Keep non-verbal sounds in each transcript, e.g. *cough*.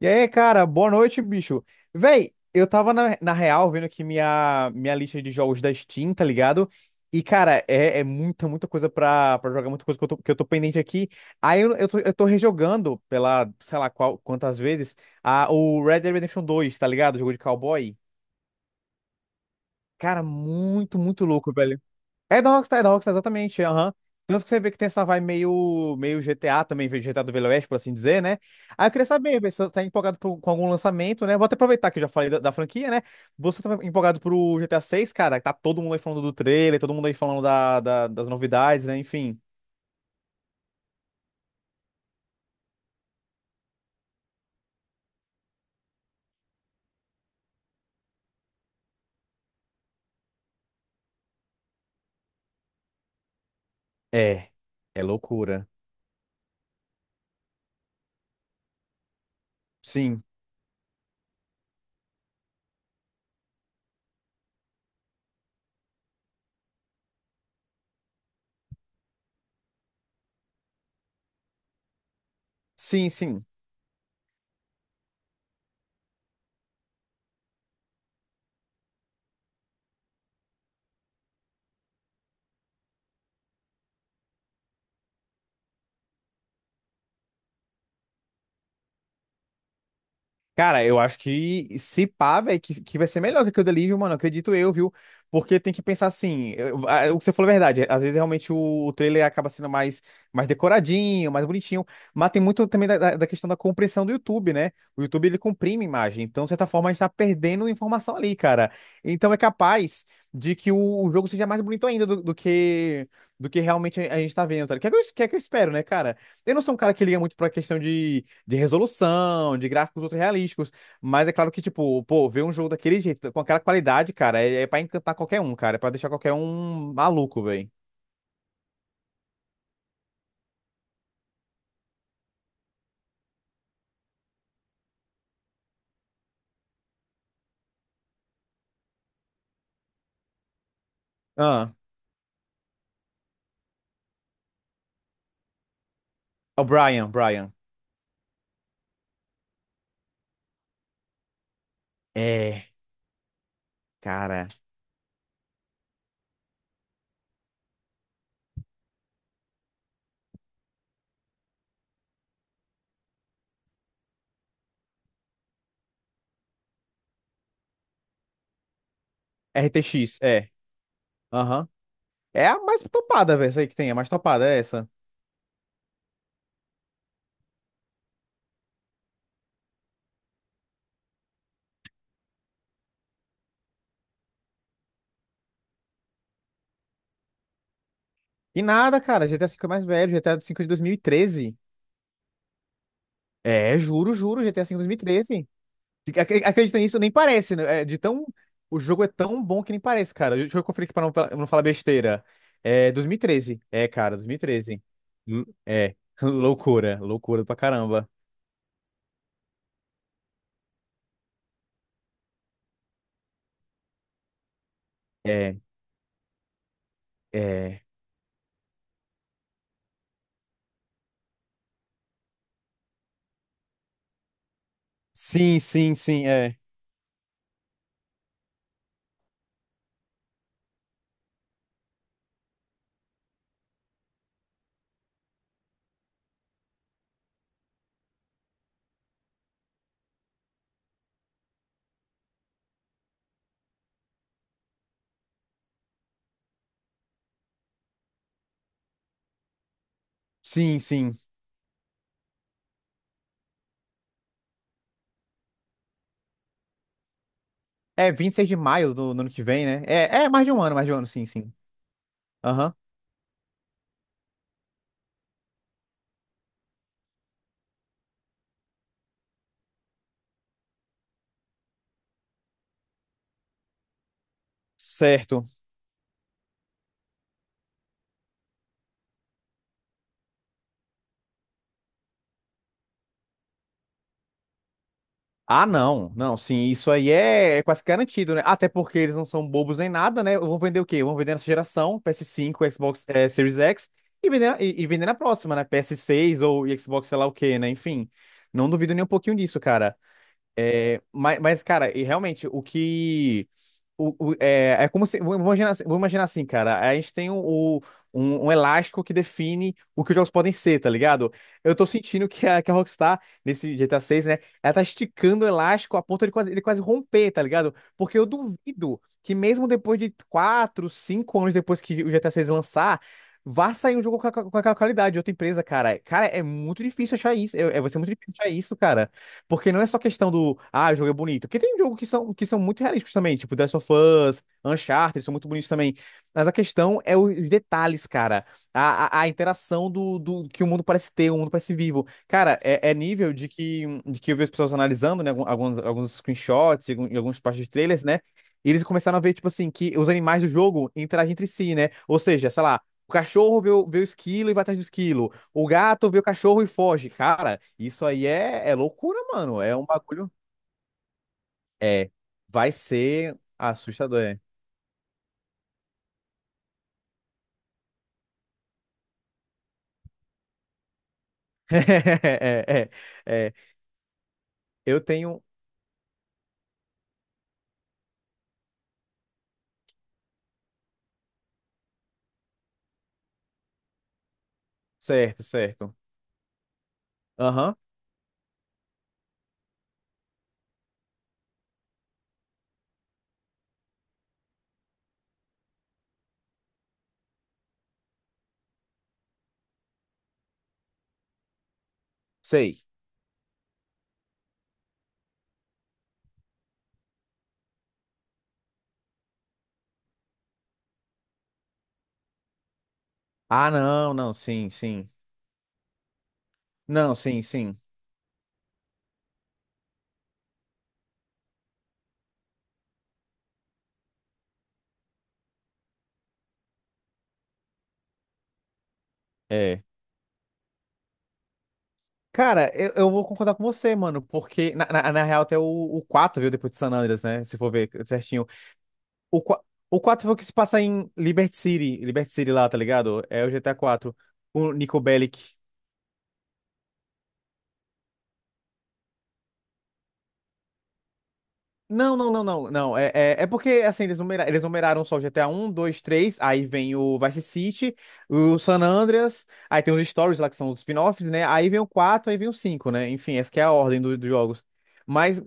E aí, cara, boa noite, bicho. Véi, eu tava na real vendo aqui minha lista de jogos da Steam, tá ligado? E, cara, é muita coisa pra jogar, muita coisa que eu tô pendente aqui. Aí eu tô rejogando pela, sei lá qual, quantas vezes, o Red Dead Redemption dois, tá ligado? O jogo de cowboy. Cara, muito louco, velho. É da Rockstar, exatamente, aham. Tanto que você vê que tem essa vibe meio GTA também, meio GTA do Velho Oeste, por assim dizer, né? Aí eu queria saber, você tá empolgado com algum lançamento, né? Vou até aproveitar que eu já falei da franquia, né? Você tá empolgado pro GTA 6, cara? Tá todo mundo aí falando do trailer, todo mundo aí falando das novidades, né? Enfim. É, é loucura. Sim, sim, sim. Cara, eu acho que se pá, velho, que vai ser melhor que aquilo dali, viu, mano? Acredito eu, viu? Porque tem que pensar assim, o que você falou é verdade, às vezes realmente o trailer acaba sendo mais decoradinho, mais bonitinho, mas tem muito também da questão da compressão do YouTube, né? O YouTube, ele comprime imagem, então, de certa forma, a gente tá perdendo informação ali, cara. Então, é capaz de que o jogo seja mais bonito ainda do que realmente a gente tá vendo, tá ligado? Que é o que é o que eu espero, né, cara? Eu não sou um cara que liga muito pra questão de resolução, de gráficos ultra realísticos. Mas é claro que, tipo, pô, ver um jogo daquele jeito, com aquela qualidade, cara, é pra encantar qualquer um, cara. É pra deixar qualquer um maluco, velho. Ah, o Brian. É, cara. RTX, é. Aham. É a mais topada, velho, essa aí que tem. A mais topada é essa. E nada, cara. GTA V é mais velho. GTA V de dois mil e treze. É, juro, juro. GTA V de dois mil e treze. Acredita nisso, nem parece, né? É de tão... O jogo é tão bom que nem parece, cara. Deixa eu conferir aqui pra não falar besteira. É 2013. É, cara, 2013. É. *laughs* Loucura. Loucura pra caramba. É. É. Sim, sim, sim. É. Sim, sim. É 26 de maio do ano que vem, né? É, é mais de um ano, mais de um ano, sim, sim. Aham. Certo. Ah, não, não, sim, isso aí é quase garantido, né? Até porque eles não são bobos nem nada, né? Vão vender o quê? Vão vender nessa geração, PS5, Xbox, Series X, e vender na próxima, né? PS6 ou Xbox, sei lá o quê, né? Enfim, não duvido nem um pouquinho disso, cara. Mas cara, e realmente, o que. É, é como se. Vou imaginar assim, cara. A gente tem o, um elástico que define o que os jogos podem ser, tá ligado? Eu tô sentindo que a Rockstar, nesse GTA 6, né? Ela tá esticando o elástico a ponto de quase, ele quase romper, tá ligado? Porque eu duvido que mesmo depois de 4, 5 anos depois que o GTA 6 lançar. Vá sair um jogo com, com aquela qualidade de outra empresa, cara. Cara, é muito difícil achar isso. Vai ser muito difícil achar isso, cara. Porque não é só questão do, ah, o jogo é bonito. Porque tem jogos que são muito realísticos também, tipo The Last of Us, Uncharted, são muito bonitos também. Mas a questão é os detalhes, cara. A interação do que o mundo parece ter, o mundo parece vivo. Cara, é, é nível de que eu vi as pessoas analisando, né, alguns screenshots e e algumas partes de trailers, né? E eles começaram a ver, tipo assim, que os animais do jogo interagem entre si, né? Ou seja, sei lá, o cachorro vê vê o esquilo e vai atrás do esquilo. O gato vê o cachorro e foge. Cara, isso aí é loucura, mano. É um bagulho. É, vai ser assustador. É, *laughs* é. Eu tenho. Certo, certo. Aham, sei. Ah, não, não, sim, sim. Não, sim, sim. É. Cara, eu vou concordar com você, mano, porque na real até o 4, viu, depois de San Andreas, né? Se for ver certinho. O, qua- o 4 foi o que se passa em Liberty City, Liberty City lá, tá ligado? É o GTA quatro, o Nico Bellic. Não. É, é porque assim, eles numeraram só o GTA um, 2, 3. Aí vem o Vice City, o San Andreas, aí tem os stories lá que são os spin-offs, né? Aí vem o 4, aí vem o 5, né? Enfim, essa que é a ordem dos jogos. Mas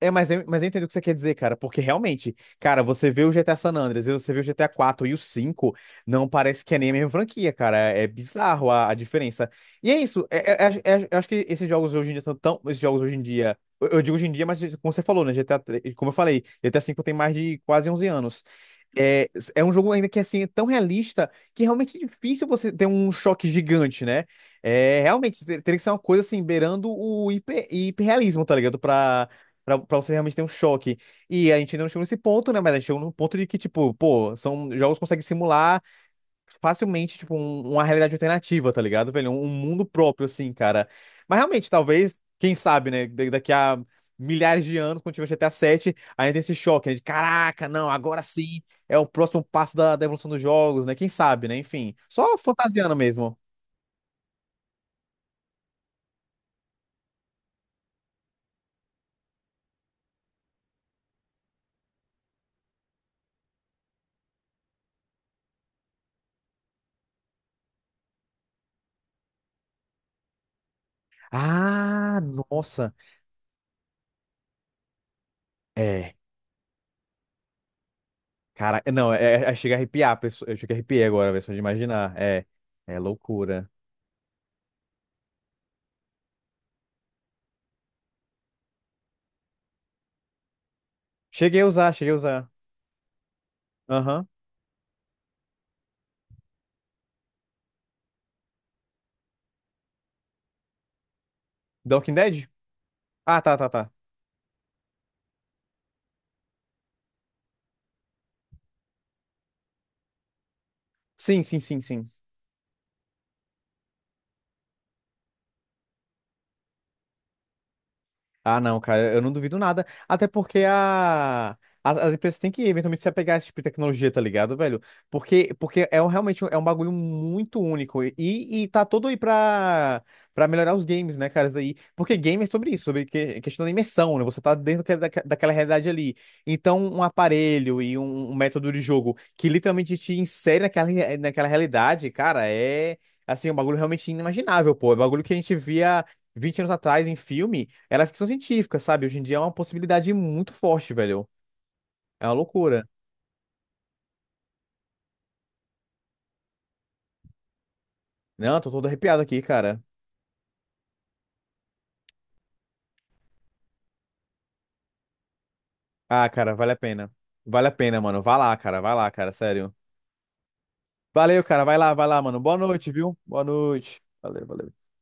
é, mas eu entendo o que você quer dizer, cara, porque realmente, cara, você vê o GTA San Andreas, e você vê o GTA 4 e o 5, não parece que é nem a mesma franquia, cara. É é bizarro a diferença. E é isso, eu acho que esses jogos hoje em dia estão tão. Esses jogos hoje em dia. Eu digo hoje em dia, mas como você falou, né? Como eu falei, GTA 5 tem mais de quase 11 anos. É, é um jogo ainda que assim é tão realista que realmente é difícil você ter um choque gigante, né? É, realmente, teria que ser uma coisa assim, beirando o hiperrealismo, tá ligado? Pra, pra você realmente ter um choque. E a gente ainda não chegou nesse ponto, né? Mas a gente chegou num ponto de que, tipo, pô, são jogos que conseguem simular facilmente, tipo, uma realidade alternativa, tá ligado, velho? Um mundo próprio, assim, cara. Mas realmente, talvez, quem sabe, né? Daqui a milhares de anos, quando tiver G T A 7 ainda tem esse choque, né? De caraca, não, agora sim é o próximo passo da evolução dos jogos, né? Quem sabe, né? Enfim, só fantasiando mesmo. Ah, nossa. É. Cara, é, não, é, é, chega a arrepiar, eu cheguei a arrepiar agora, velho, só de imaginar. É, é loucura. Cheguei a usar, cheguei a usar. Aham. Walking Dead? Ah, tá, tá, tá. Sim, sim, sim, sim. Ah, não, cara, eu não duvido nada. Até porque a... as empresas têm que eventualmente se apegar a esse tipo de tecnologia, tá ligado, velho? Porque é um- realmente um- é um bagulho muito único. E tá todo aí pra, pra melhorar os games, né, cara? Isso aí. Porque game é sobre isso, sobre questão da imersão, né? Você tá dentro daquela realidade ali. Então, um aparelho e um método de jogo que literalmente te insere naquela, naquela realidade, cara, é. Assim, um bagulho realmente inimaginável, pô. É um bagulho que a gente via. 20 anos atrás em filme, era ficção científica, sabe? Hoje em dia é uma possibilidade muito forte, velho. É uma loucura. Não, tô todo arrepiado aqui, cara. Ah, cara, vale a pena. Vale a pena, mano. Vai lá, cara. Vai lá, cara. Sério. Valeu, cara. Vai lá, mano. Boa noite, viu? Boa noite. Valeu, valeu.